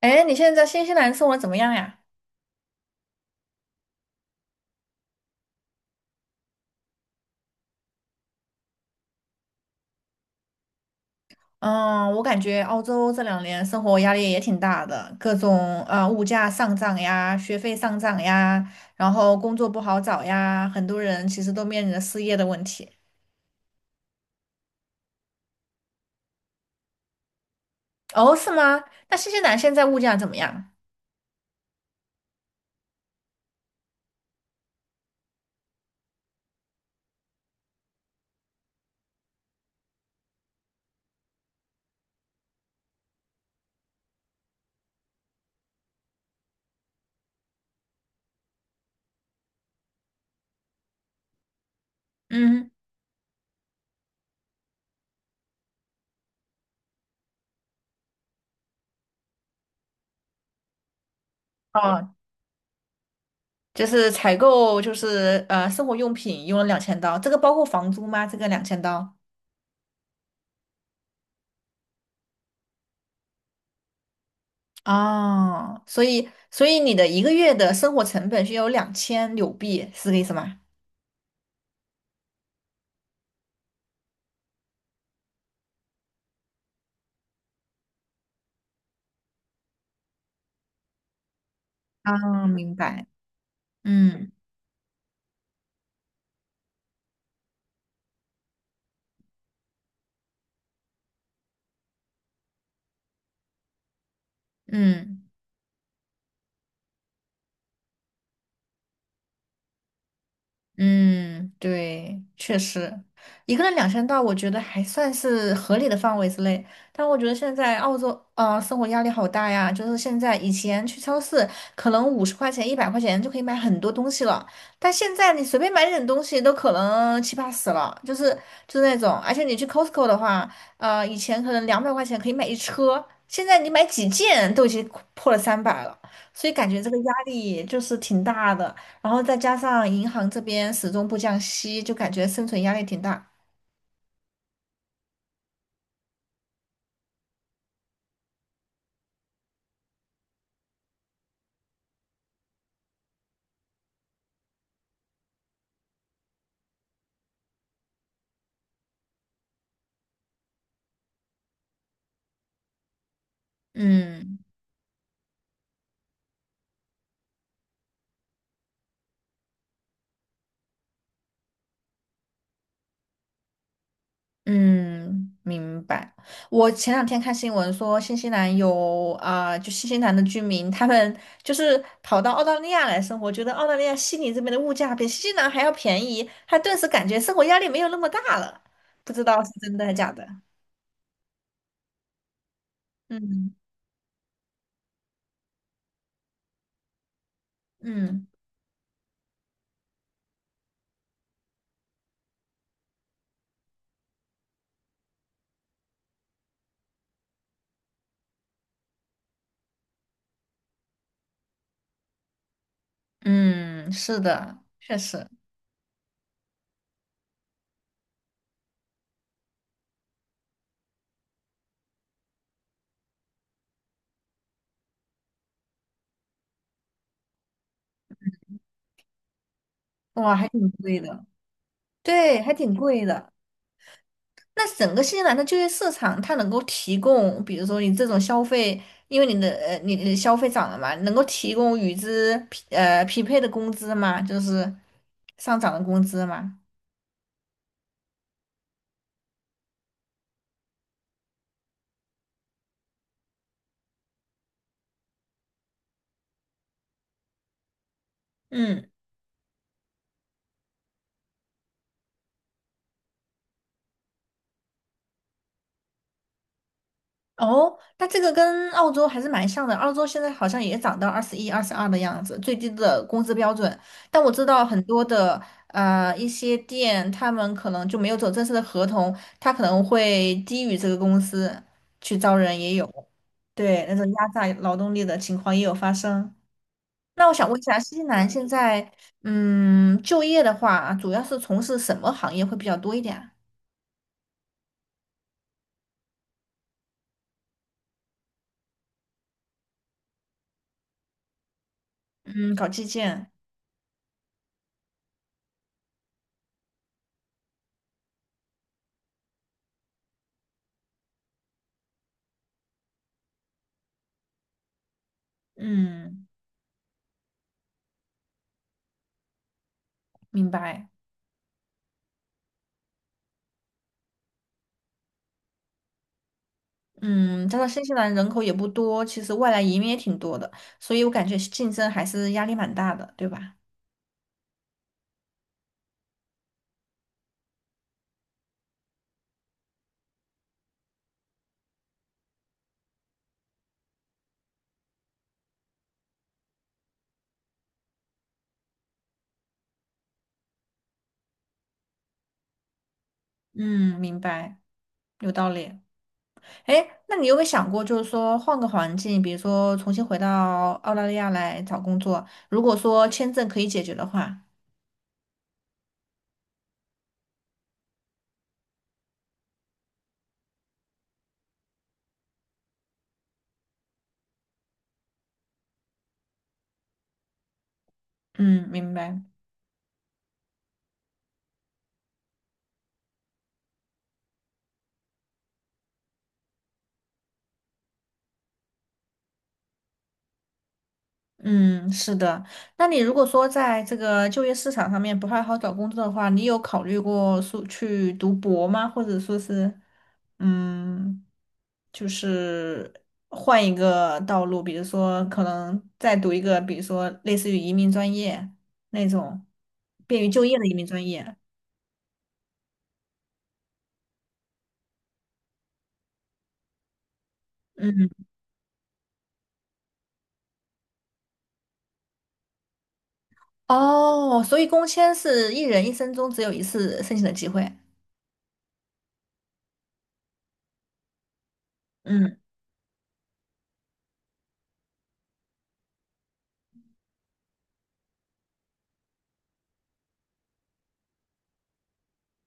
哎，你现在在新西兰生活怎么样呀？嗯，我感觉澳洲这2年生活压力也挺大的，各种物价上涨呀，学费上涨呀，然后工作不好找呀，很多人其实都面临着失业的问题。哦，是吗？那新西兰现在物价怎么样？嗯，哦，就是采购生活用品用了两千刀，这个包括房租吗？这个两千刀？哦，所以你的一个月的生活成本是有2000纽币，是这个意思吗？啊，明白，嗯嗯。嗯，对，确实，一个人两千到，我觉得还算是合理的范围之内。但我觉得现在澳洲，啊，生活压力好大呀。就是现在，以前去超市可能50块钱、100块钱就可以买很多东西了，但现在你随便买点东西都可能七八十了，就是那种。而且你去 Costco 的话，以前可能200块钱可以买一车，现在你买几件都已经破了300了，所以感觉这个压力就是挺大的。然后再加上银行这边始终不降息，就感觉生存压力挺大。嗯嗯，明白。我前两天看新闻说，新西兰有啊、就新西兰的居民，他们就是跑到澳大利亚来生活，觉得澳大利亚悉尼这边的物价比新西兰还要便宜，他顿时感觉生活压力没有那么大了。不知道是真的还假的。嗯嗯嗯，是的，确实，哇，还挺贵的。对，还挺贵的。那整个新西兰的就业市场，它能够提供，比如说你这种消费，因为你的你的消费涨了嘛，能够提供与之匹配的工资嘛，就是上涨的工资嘛，嗯。哦，那这个跟澳洲还是蛮像的。澳洲现在好像也涨到21、22的样子，最低的工资标准。但我知道很多的一些店，他们可能就没有走正式的合同，他可能会低于这个公司去招人，也有。对，那种压榨劳动力的情况也有发生。那我想问一下，新西兰现在就业的话，主要是从事什么行业会比较多一点啊？嗯，搞基建。嗯，明白。嗯，加上新西兰人口也不多，其实外来移民也挺多的，所以我感觉竞争还是压力蛮大的，对吧？嗯，明白，有道理。哎，那你有没有想过，就是说换个环境，比如说重新回到澳大利亚来找工作，如果说签证可以解决的话，嗯，明白。嗯，是的。那你如果说在这个就业市场上面不太好找工作的话，你有考虑过说去读博吗？或者说是，嗯，就是换一个道路，比如说可能再读一个，比如说类似于移民专业那种便于就业的移民专业。嗯，哦，所以工签是一人一生中只有一次申请的机会。嗯。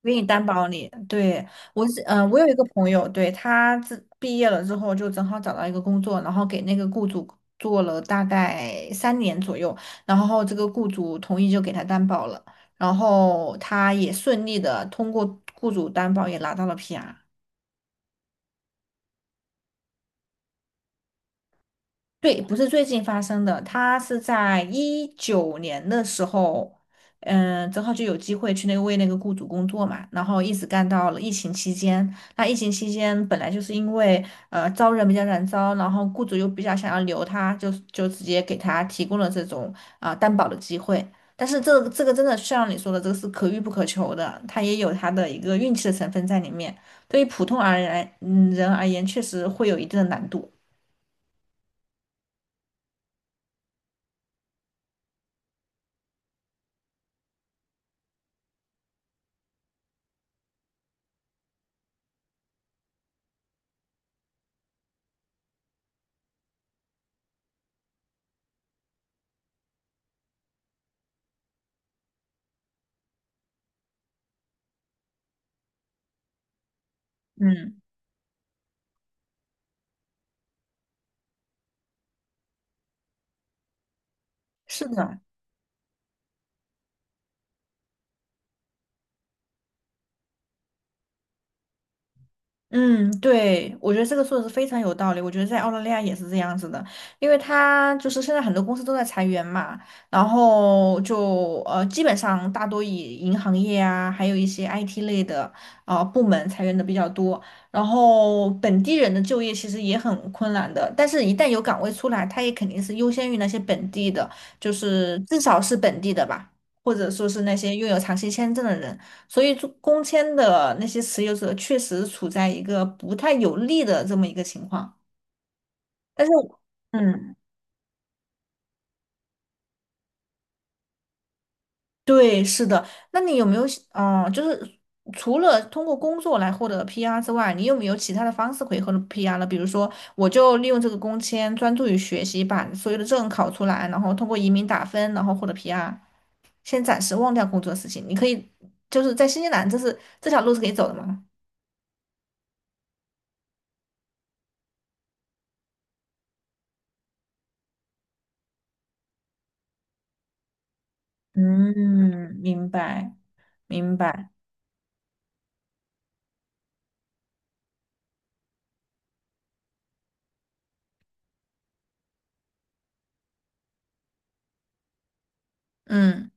我给你担保你，对，我是，嗯、我有一个朋友，对，他自毕业了之后就正好找到一个工作，然后给那个雇主做了大概3年左右，然后这个雇主同意就给他担保了，然后他也顺利的通过雇主担保也拿到了 PR。对，不是最近发生的，他是在19年的时候，嗯，正好就有机会去那个为那个雇主工作嘛，然后一直干到了疫情期间。那疫情期间本来就是因为招人比较难招，然后雇主又比较想要留他，就直接给他提供了这种啊、担保的机会。但是这个真的像你说的，这个是可遇不可求的，他也有他的一个运气的成分在里面。对于普通而言，嗯，人而言确实会有一定的难度。嗯，是的。嗯，对，我觉得这个说的是非常有道理。我觉得在澳大利亚也是这样子的，因为它就是现在很多公司都在裁员嘛，然后就基本上大多以银行业啊，还有一些 IT 类的部门裁员的比较多。然后本地人的就业其实也很困难的，但是一旦有岗位出来，它也肯定是优先于那些本地的，就是至少是本地的吧，或者说是那些拥有长期签证的人。所以做工签的那些持有者确实处在一个不太有利的这么一个情况。但是，嗯，对，是的。那你有没有，嗯，就是除了通过工作来获得 PR 之外，你有没有其他的方式可以获得 PR 呢？比如说，我就利用这个工签专注于学习，把所有的证考出来，然后通过移民打分，然后获得 PR。先暂时忘掉工作的事情，你可以就是在新西兰，这条路是可以走的吗？嗯，明白明白。嗯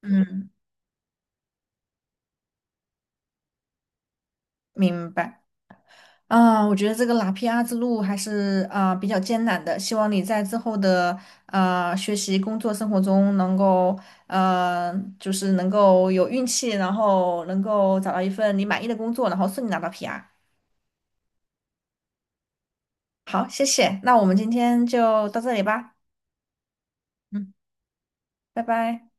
嗯，明白。啊，我觉得这个拿 PR 之路还是啊、比较艰难的，希望你在之后的学习、工作、生活中能够呃，就是能够有运气，然后能够找到一份你满意的工作，然后顺利拿到 PR。好，谢谢。那我们今天就到这里吧。嗯，拜拜。